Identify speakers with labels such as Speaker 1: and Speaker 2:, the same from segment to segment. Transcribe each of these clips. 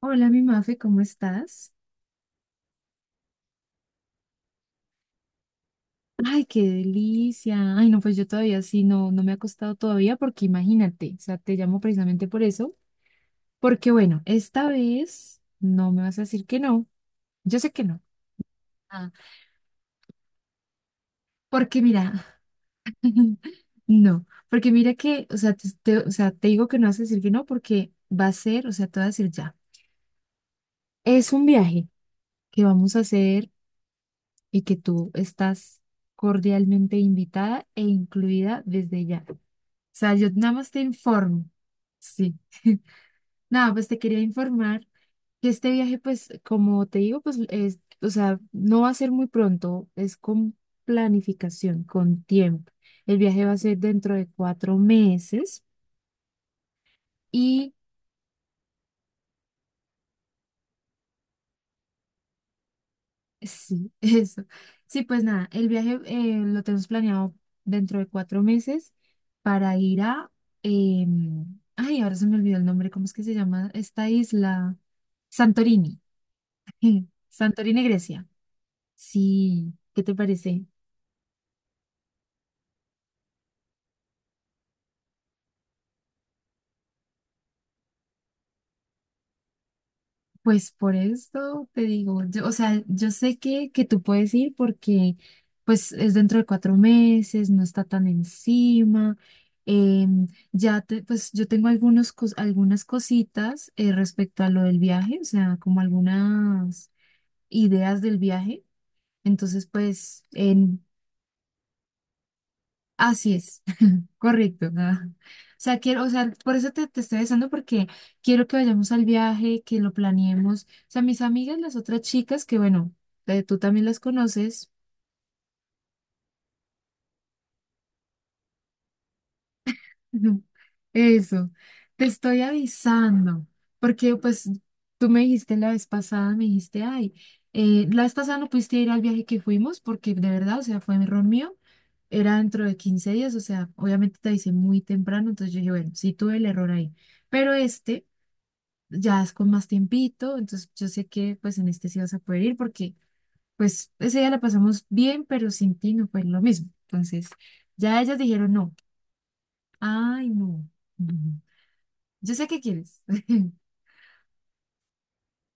Speaker 1: Hola, mi Mafe, ¿cómo estás? Ay, qué delicia. Ay, no, pues yo todavía sí, no, no me ha acostado todavía porque imagínate, o sea, te llamo precisamente por eso, porque bueno, esta vez no me vas a decir que no. Yo sé que no. Ah, porque mira, no, porque mira que, o sea, o sea, te digo que no vas a decir que no porque va a ser, o sea, te voy a decir ya. Es un viaje que vamos a hacer y que tú estás cordialmente invitada e incluida desde ya. Sea, yo nada más te informo. Sí. Nada, pues te quería informar que este viaje, pues, como te digo, pues, es, o sea, no va a ser muy pronto, es con planificación, con tiempo. El viaje va a ser dentro de 4 meses y sí, eso. Sí, pues nada, el viaje lo tenemos planeado dentro de 4 meses para ir a, ay, ahora se me olvidó el nombre, ¿cómo es que se llama esta isla? Santorini. Santorini, Grecia. Sí, ¿qué te parece? Pues por esto te digo, yo, o sea, yo sé que, tú puedes ir porque pues es dentro de 4 meses, no está tan encima. Ya te, pues yo tengo algunas cositas respecto a lo del viaje, o sea, como algunas ideas del viaje. Entonces, pues, así es. Correcto. Ah. O sea, quiero, o sea, por eso te estoy besando, porque quiero que vayamos al viaje, que lo planeemos. O sea, mis amigas, las otras chicas, que bueno, tú también las conoces. Eso, te estoy avisando, porque pues tú me dijiste la vez pasada, me dijiste, ay, la vez pasada no pudiste ir al viaje que fuimos, porque de verdad, o sea, fue un error mío. Era dentro de 15 días, o sea, obviamente te avisé muy temprano, entonces yo dije, bueno, sí tuve el error ahí. Pero ya es con más tiempito, entonces yo sé que pues en este sí vas a poder ir porque pues ese día la pasamos bien, pero sin ti no fue lo mismo. Entonces ya ellas dijeron no, ay no, no, no. Yo sé que quieres.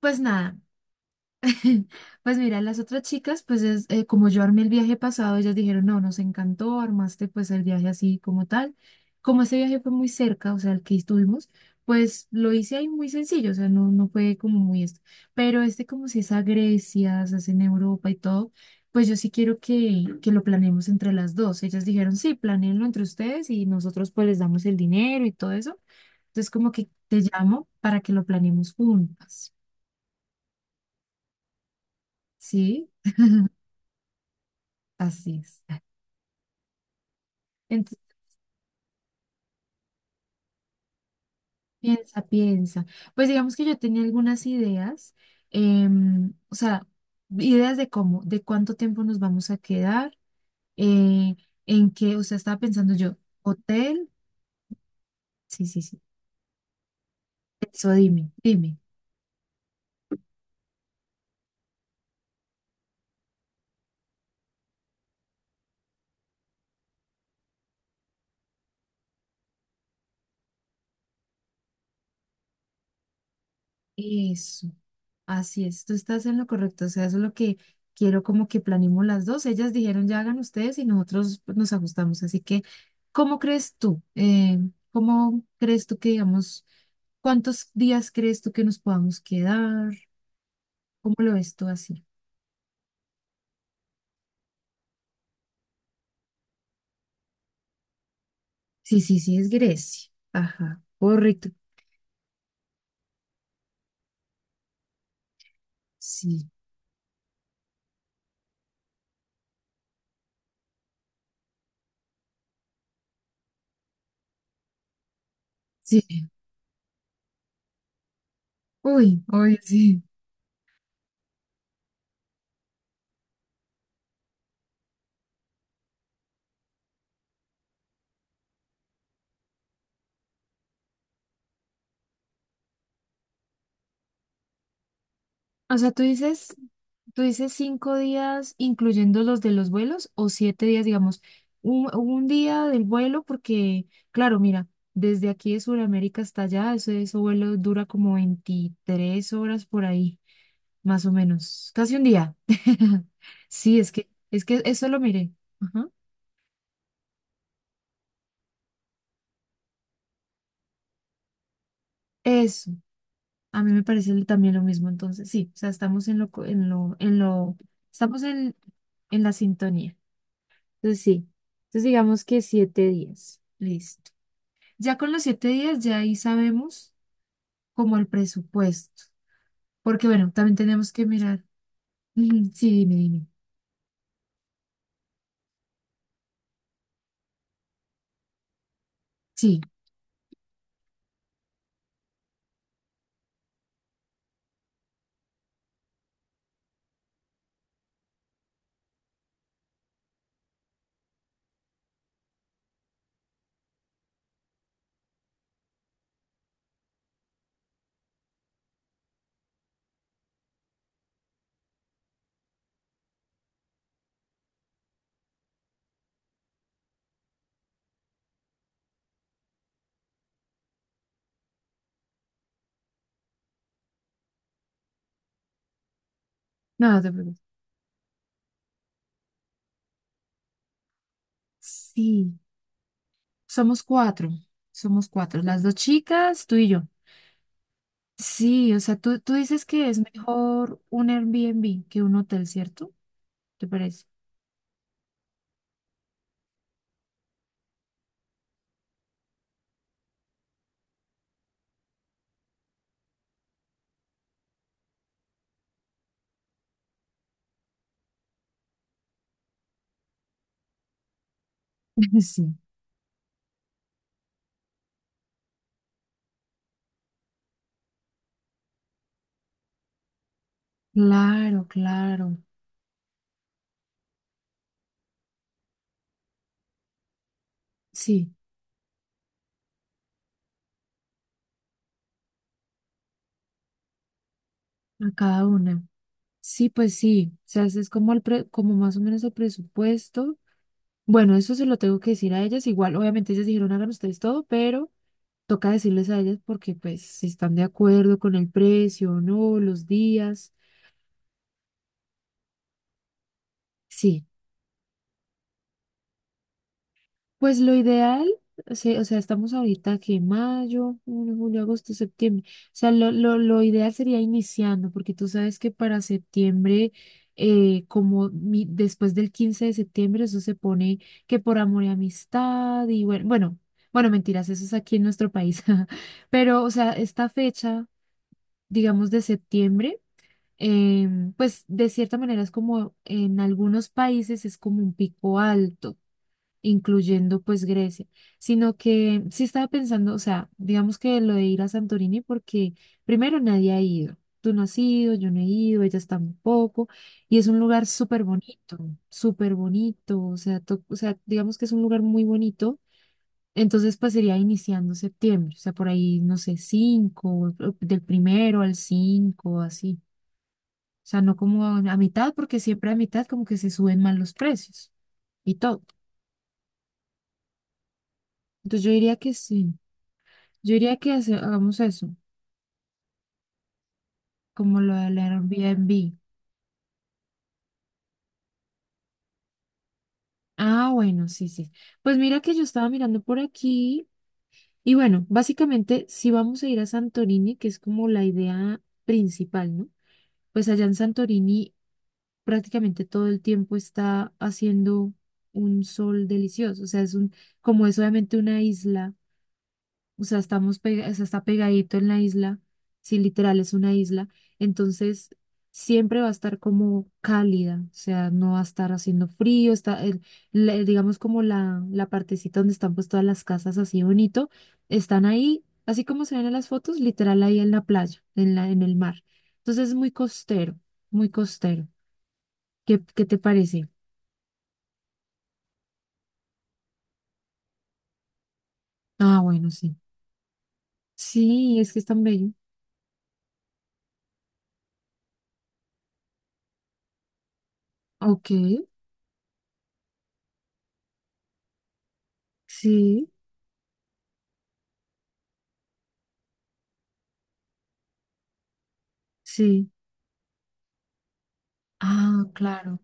Speaker 1: Pues nada, pues mira, las otras chicas, pues es, como yo armé el viaje pasado, ellas dijeron, no, nos encantó, armaste pues el viaje así como tal. Como ese viaje fue muy cerca, o sea, el que estuvimos, pues lo hice ahí muy sencillo, o sea, no, no fue como muy esto. Pero este como si es a Grecia, se hace en Europa y todo, pues yo sí quiero que, lo planeemos entre las dos. Ellas dijeron, sí, planéenlo entre ustedes y nosotros pues les damos el dinero y todo eso. Entonces como que te llamo para que lo planeemos juntas, ¿sí? Así es. Entonces, piensa, piensa. Pues digamos que yo tenía algunas ideas, o sea, ideas de cómo, de cuánto tiempo nos vamos a quedar, eh, en qué, o sea, estaba pensando yo, hotel, sí, sí, sí, eso dime, dime, eso, así es, tú estás en lo correcto, o sea, eso es lo que quiero como que planeemos las dos, ellas dijeron ya hagan ustedes y nosotros pues, nos ajustamos, así que, ¿cómo crees tú? ¿Cómo crees tú que digamos? ¿Cuántos días crees tú que nos podamos quedar? ¿Cómo lo ves tú así? Sí, sí, sí, es Grecia. Ajá, correcto. Sí, sí. Uy, uy, sí. O sea, tú dices, 5 días, incluyendo los de los vuelos, o 7 días, digamos, un día del vuelo, porque, claro, mira, desde aquí de Sudamérica hasta allá, ese vuelo dura como 23 horas por ahí. Más o menos, casi un día. Sí, es que eso lo miré. Ajá. Eso, a mí me parece también lo mismo, entonces, sí, o sea, estamos en lo, en lo, estamos en la sintonía. Entonces, sí, entonces digamos que 7 días, listo. Ya con los 7 días, ya ahí sabemos como el presupuesto, porque bueno, también tenemos que mirar. Ujú. Sí, dime, dime. Sí, no, no te preocupes. Sí, somos cuatro, somos cuatro, las dos chicas, tú y yo. Sí, o sea, tú dices que es mejor un Airbnb que un hotel, ¿cierto? ¿Te parece? Sí, claro, claro. Sí, a cada una. Sí, pues sí. O sea, ese es como, como más o menos el presupuesto. Bueno, eso se lo tengo que decir a ellas. Igual, obviamente ellas dijeron, hagan ustedes todo, pero toca decirles a ellas porque pues si están de acuerdo con el precio o no, los días. Sí. Pues lo ideal, o o sea, estamos ahorita que mayo, junio, julio, agosto, septiembre. O sea, lo ideal sería iniciando, porque tú sabes que para septiembre, como después del 15 de septiembre, eso se pone que por amor y amistad, y bueno, bueno, bueno, mentiras, eso es aquí en nuestro país. Pero, o sea, esta fecha, digamos, de septiembre, pues de cierta manera es como en algunos países es como un pico alto incluyendo pues Grecia, sino que sí estaba pensando, o sea, digamos que lo de ir a Santorini porque primero nadie ha ido, tú no has ido, yo no he ido, ellas tampoco, y es un lugar súper bonito, o sea, to- o sea, digamos que es un lugar muy bonito, entonces pues sería iniciando septiembre, o sea, por ahí, no sé, cinco, del primero al cinco, así, o sea, no como a mitad, porque siempre a mitad como que se suben más los precios y todo. Entonces yo diría que sí. Yo diría que hagamos eso, como lo del Airbnb. Ah, bueno, sí, sí. Pues mira que yo estaba mirando por aquí y bueno, básicamente si vamos a ir a Santorini, que es como la idea principal, ¿no? Pues allá en Santorini prácticamente todo el tiempo está haciendo un sol delicioso, o sea, es un, como es obviamente una isla. O sea, o sea, está pegadito en la isla, sí, literal es una isla, entonces siempre va a estar como cálida, o sea, no va a estar haciendo frío, está, digamos como la partecita donde están pues todas las casas así bonito, están ahí, así como se ven en las fotos, literal ahí en la playa, en la, en el mar. Entonces es muy costero, muy costero. ¿Qué te parece? Ah, bueno, sí. Sí, es que es tan bello. Ok, sí, sí. Ah, claro.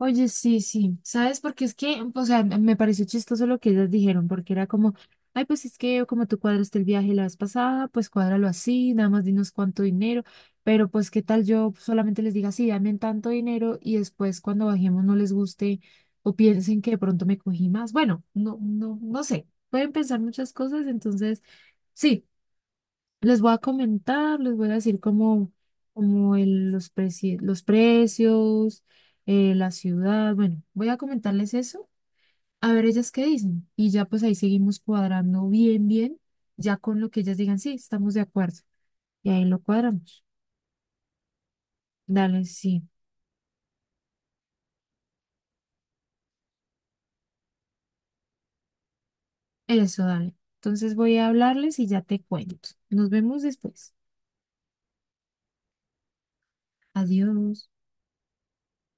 Speaker 1: Oye, sí, sí, ¿sabes? Porque es que, o sea, me pareció chistoso lo que ellas dijeron, porque era como, ay, pues es que como tú cuadraste el viaje la vez pasada, pues cuádralo así, nada más dinos cuánto dinero, pero pues qué tal yo solamente les diga, sí, dame tanto dinero y después cuando bajemos no les guste o piensen que de pronto me cogí más. Bueno, no, no, no sé, pueden pensar muchas cosas, entonces, sí. Les voy a comentar, les voy a decir como, los precios, la ciudad. Bueno, voy a comentarles eso, a ver ellas qué dicen. Y ya pues ahí seguimos cuadrando bien, bien, ya con lo que ellas digan, sí, estamos de acuerdo. Y ahí lo cuadramos. Dale, sí, eso, dale. Entonces voy a hablarles y ya te cuento. Nos vemos después. Adiós.